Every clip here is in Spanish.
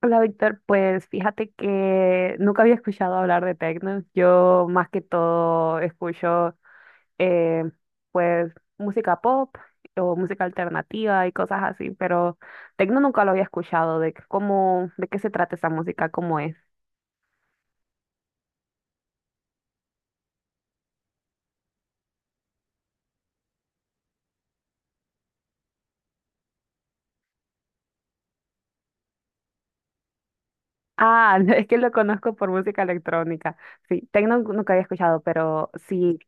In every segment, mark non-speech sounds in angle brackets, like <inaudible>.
Hola Víctor, pues fíjate que nunca había escuchado hablar de techno. Yo más que todo escucho eh, pues música pop o música alternativa y cosas así, pero techno nunca lo había escuchado. ¿Cómo, de qué se trata esa música? ¿Cómo es? Ah, <laughs> es que lo conozco por música electrónica. Sí, techno nunca había escuchado, pero sí.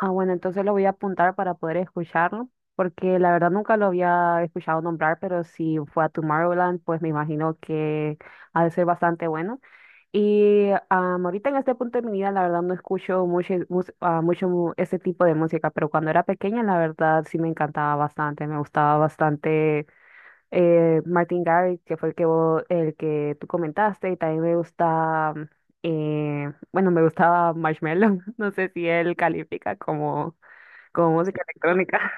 Ah, bueno, entonces lo voy a apuntar para poder escucharlo, porque la verdad nunca lo había escuchado nombrar, pero si fue a Tomorrowland, pues me imagino que ha de ser bastante bueno. Y ahorita en este punto de mi vida, la verdad no escucho mucho, ese tipo de música, pero cuando era pequeña, la verdad sí me encantaba bastante, me gustaba bastante Martin Garrix, que fue el que, el que tú comentaste, y también me gusta... bueno, me gustaba Marshmello, <laughs> no sé si él califica como con música electrónica. <laughs>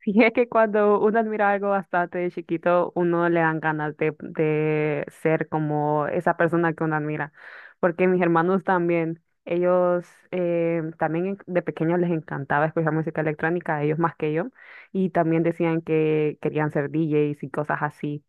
Sí, es que cuando uno admira algo bastante de chiquito, uno le dan ganas de ser como esa persona que uno admira. Porque mis hermanos también, ellos también de pequeños les encantaba escuchar música electrónica, ellos más que yo, y también decían que querían ser DJs y cosas así.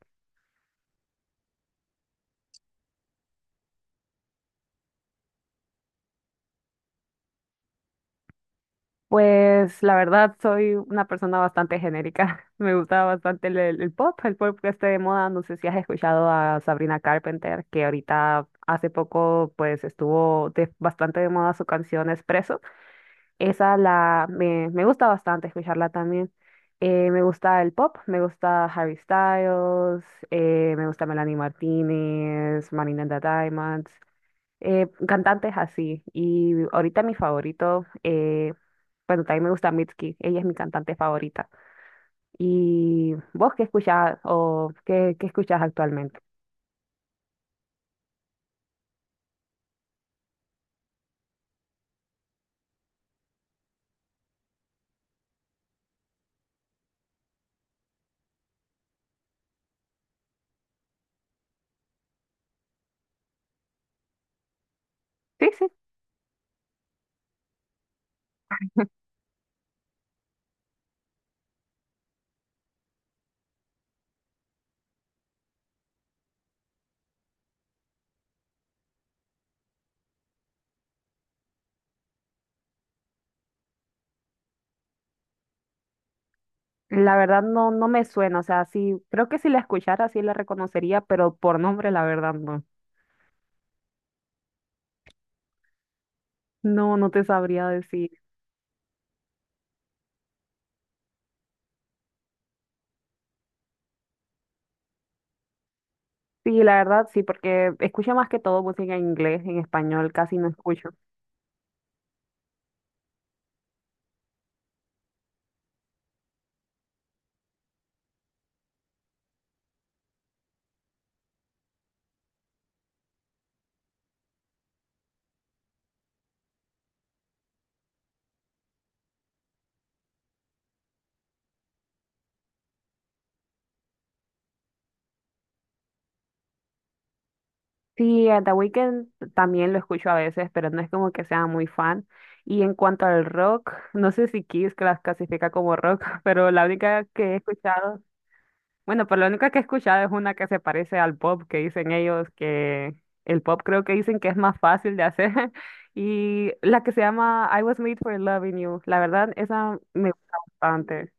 Pues la verdad soy una persona bastante genérica. <laughs> Me gusta bastante el pop que esté de moda. No sé si has escuchado a Sabrina Carpenter, que ahorita hace poco pues estuvo bastante de moda su canción Espresso. Esa me gusta bastante escucharla también. Me gusta el pop, me gusta Harry Styles, me gusta Melanie Martínez, Marina and the Diamonds, cantantes así. Y ahorita mi favorito, bueno, también me gusta Mitski, ella es mi cantante favorita. ¿Y vos qué escuchás o qué escuchás actualmente? Sí, sí, la verdad no, no me suena, o sea, sí, creo que si la escuchara sí la reconocería, pero por nombre la verdad no. No, no te sabría decir. Sí, la verdad sí, porque escucho más que todo música en inglés, en español casi no escucho. Sí, a The Weeknd también lo escucho a veces, pero no es como que sea muy fan. Y en cuanto al rock, no sé si Kiss las clasifica como rock, <laughs> pero la única que he escuchado, bueno, pero la única que he escuchado es una que se parece al pop, que dicen ellos que el pop creo que dicen que es más fácil de hacer. <laughs> Y la que se llama I Was Made for Loving You, la verdad, esa me gusta bastante.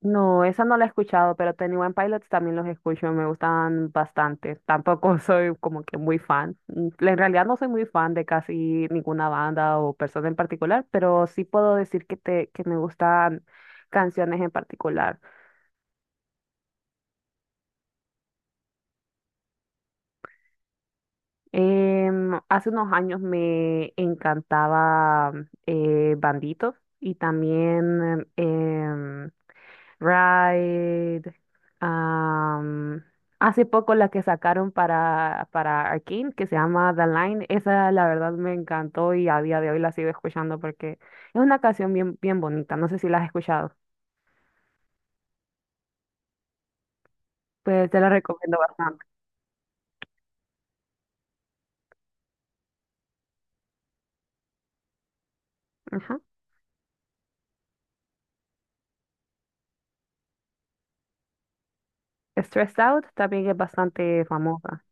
No, esa no la he escuchado, pero Twenty One Pilots también los escucho, me gustan bastante. Tampoco <laughs> soy como que muy fan. Mm, En realidad no soy muy fan de casi ninguna banda o persona en particular, pero sí puedo decir que me gustan canciones en particular. Hace unos años me encantaba Bandito y también Ride. Am, hace poco la que sacaron para Arcane, que se llama The Line, esa la verdad me encantó y a día de hoy la sigo escuchando porque es una canción bien, bien bonita. No sé si la has escuchado. Pues te la recomiendo bastante. Ajá. Stressed Out también es bastante famosa.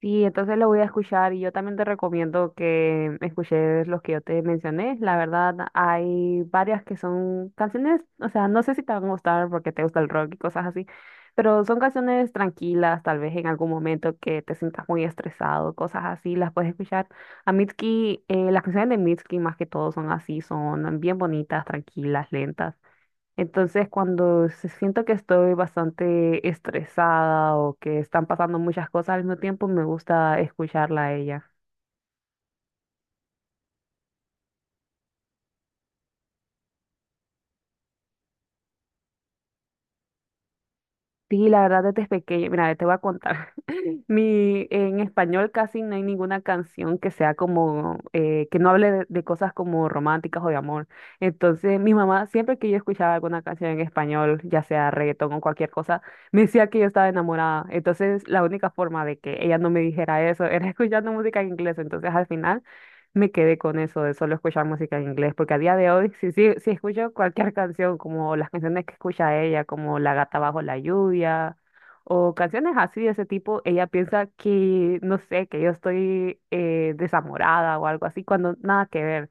Sí, entonces lo voy a escuchar y yo también te recomiendo que escuches los que yo te mencioné. La verdad, hay varias que son canciones, o sea, no sé si te van a gustar porque te gusta el rock y cosas así, pero son canciones tranquilas, tal vez en algún momento que te sientas muy estresado, cosas así, las puedes escuchar. A Mitski, las canciones de Mitski más que todo son así, son bien bonitas, tranquilas, lentas. Entonces, siento que estoy bastante estresada o que están pasando muchas cosas al mismo tiempo, me gusta escucharla a ella. Sí, la verdad desde pequeña, mira, te voy a contar. <laughs> En español casi no hay ninguna canción que sea como, que no hable de cosas como románticas o de amor. Entonces, mi mamá, siempre que yo escuchaba alguna canción en español, ya sea reggaetón o cualquier cosa, me decía que yo estaba enamorada. Entonces, la única forma de que ella no me dijera eso era <laughs> escuchando música en inglés. Entonces, al final me quedé con eso de solo escuchar música en inglés, porque a día de hoy, si escucho cualquier <laughs> canción, como las canciones que escucha ella, como La gata bajo la lluvia, o canciones así de ese tipo, ella piensa que, no sé, que yo estoy desamorada o algo así, cuando nada que ver.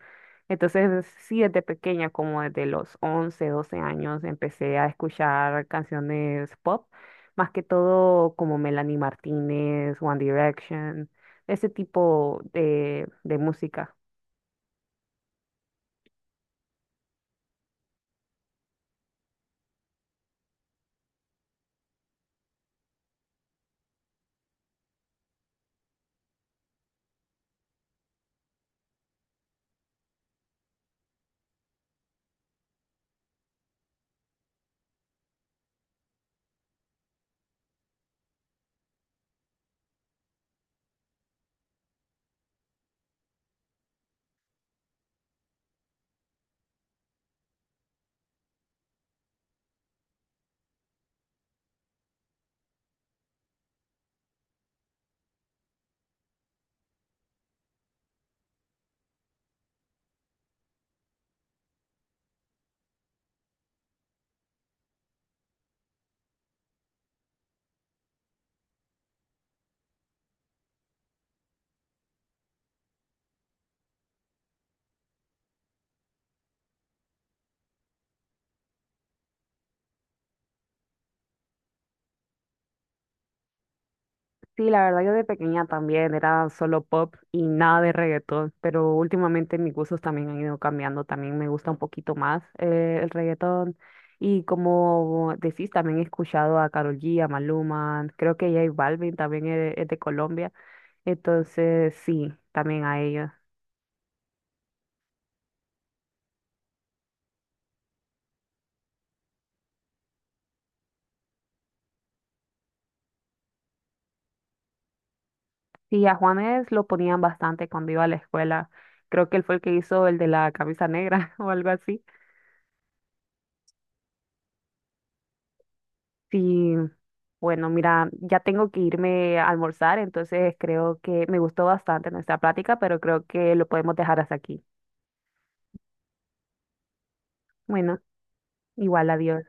Entonces, sí, desde pequeña, como desde los 11, 12 años, empecé a escuchar canciones pop, más que todo como Melanie Martínez, One Direction, ese tipo de música. Sí, la verdad yo de pequeña también era solo pop y nada de reggaetón, pero últimamente mis gustos también han ido cambiando, también me gusta un poquito más el reggaetón y como decís, también he escuchado a Karol G, a Maluma, creo que J Balvin también es de Colombia, entonces sí, también a ellos. Sí, a Juanes lo ponían bastante cuando iba a la escuela, creo que él fue el que hizo el de la camisa negra <laughs> o algo así. Sí, bueno, mira, ya tengo que irme a almorzar, entonces creo que me gustó bastante nuestra plática, pero creo que lo podemos dejar hasta aquí. Bueno, igual, adiós.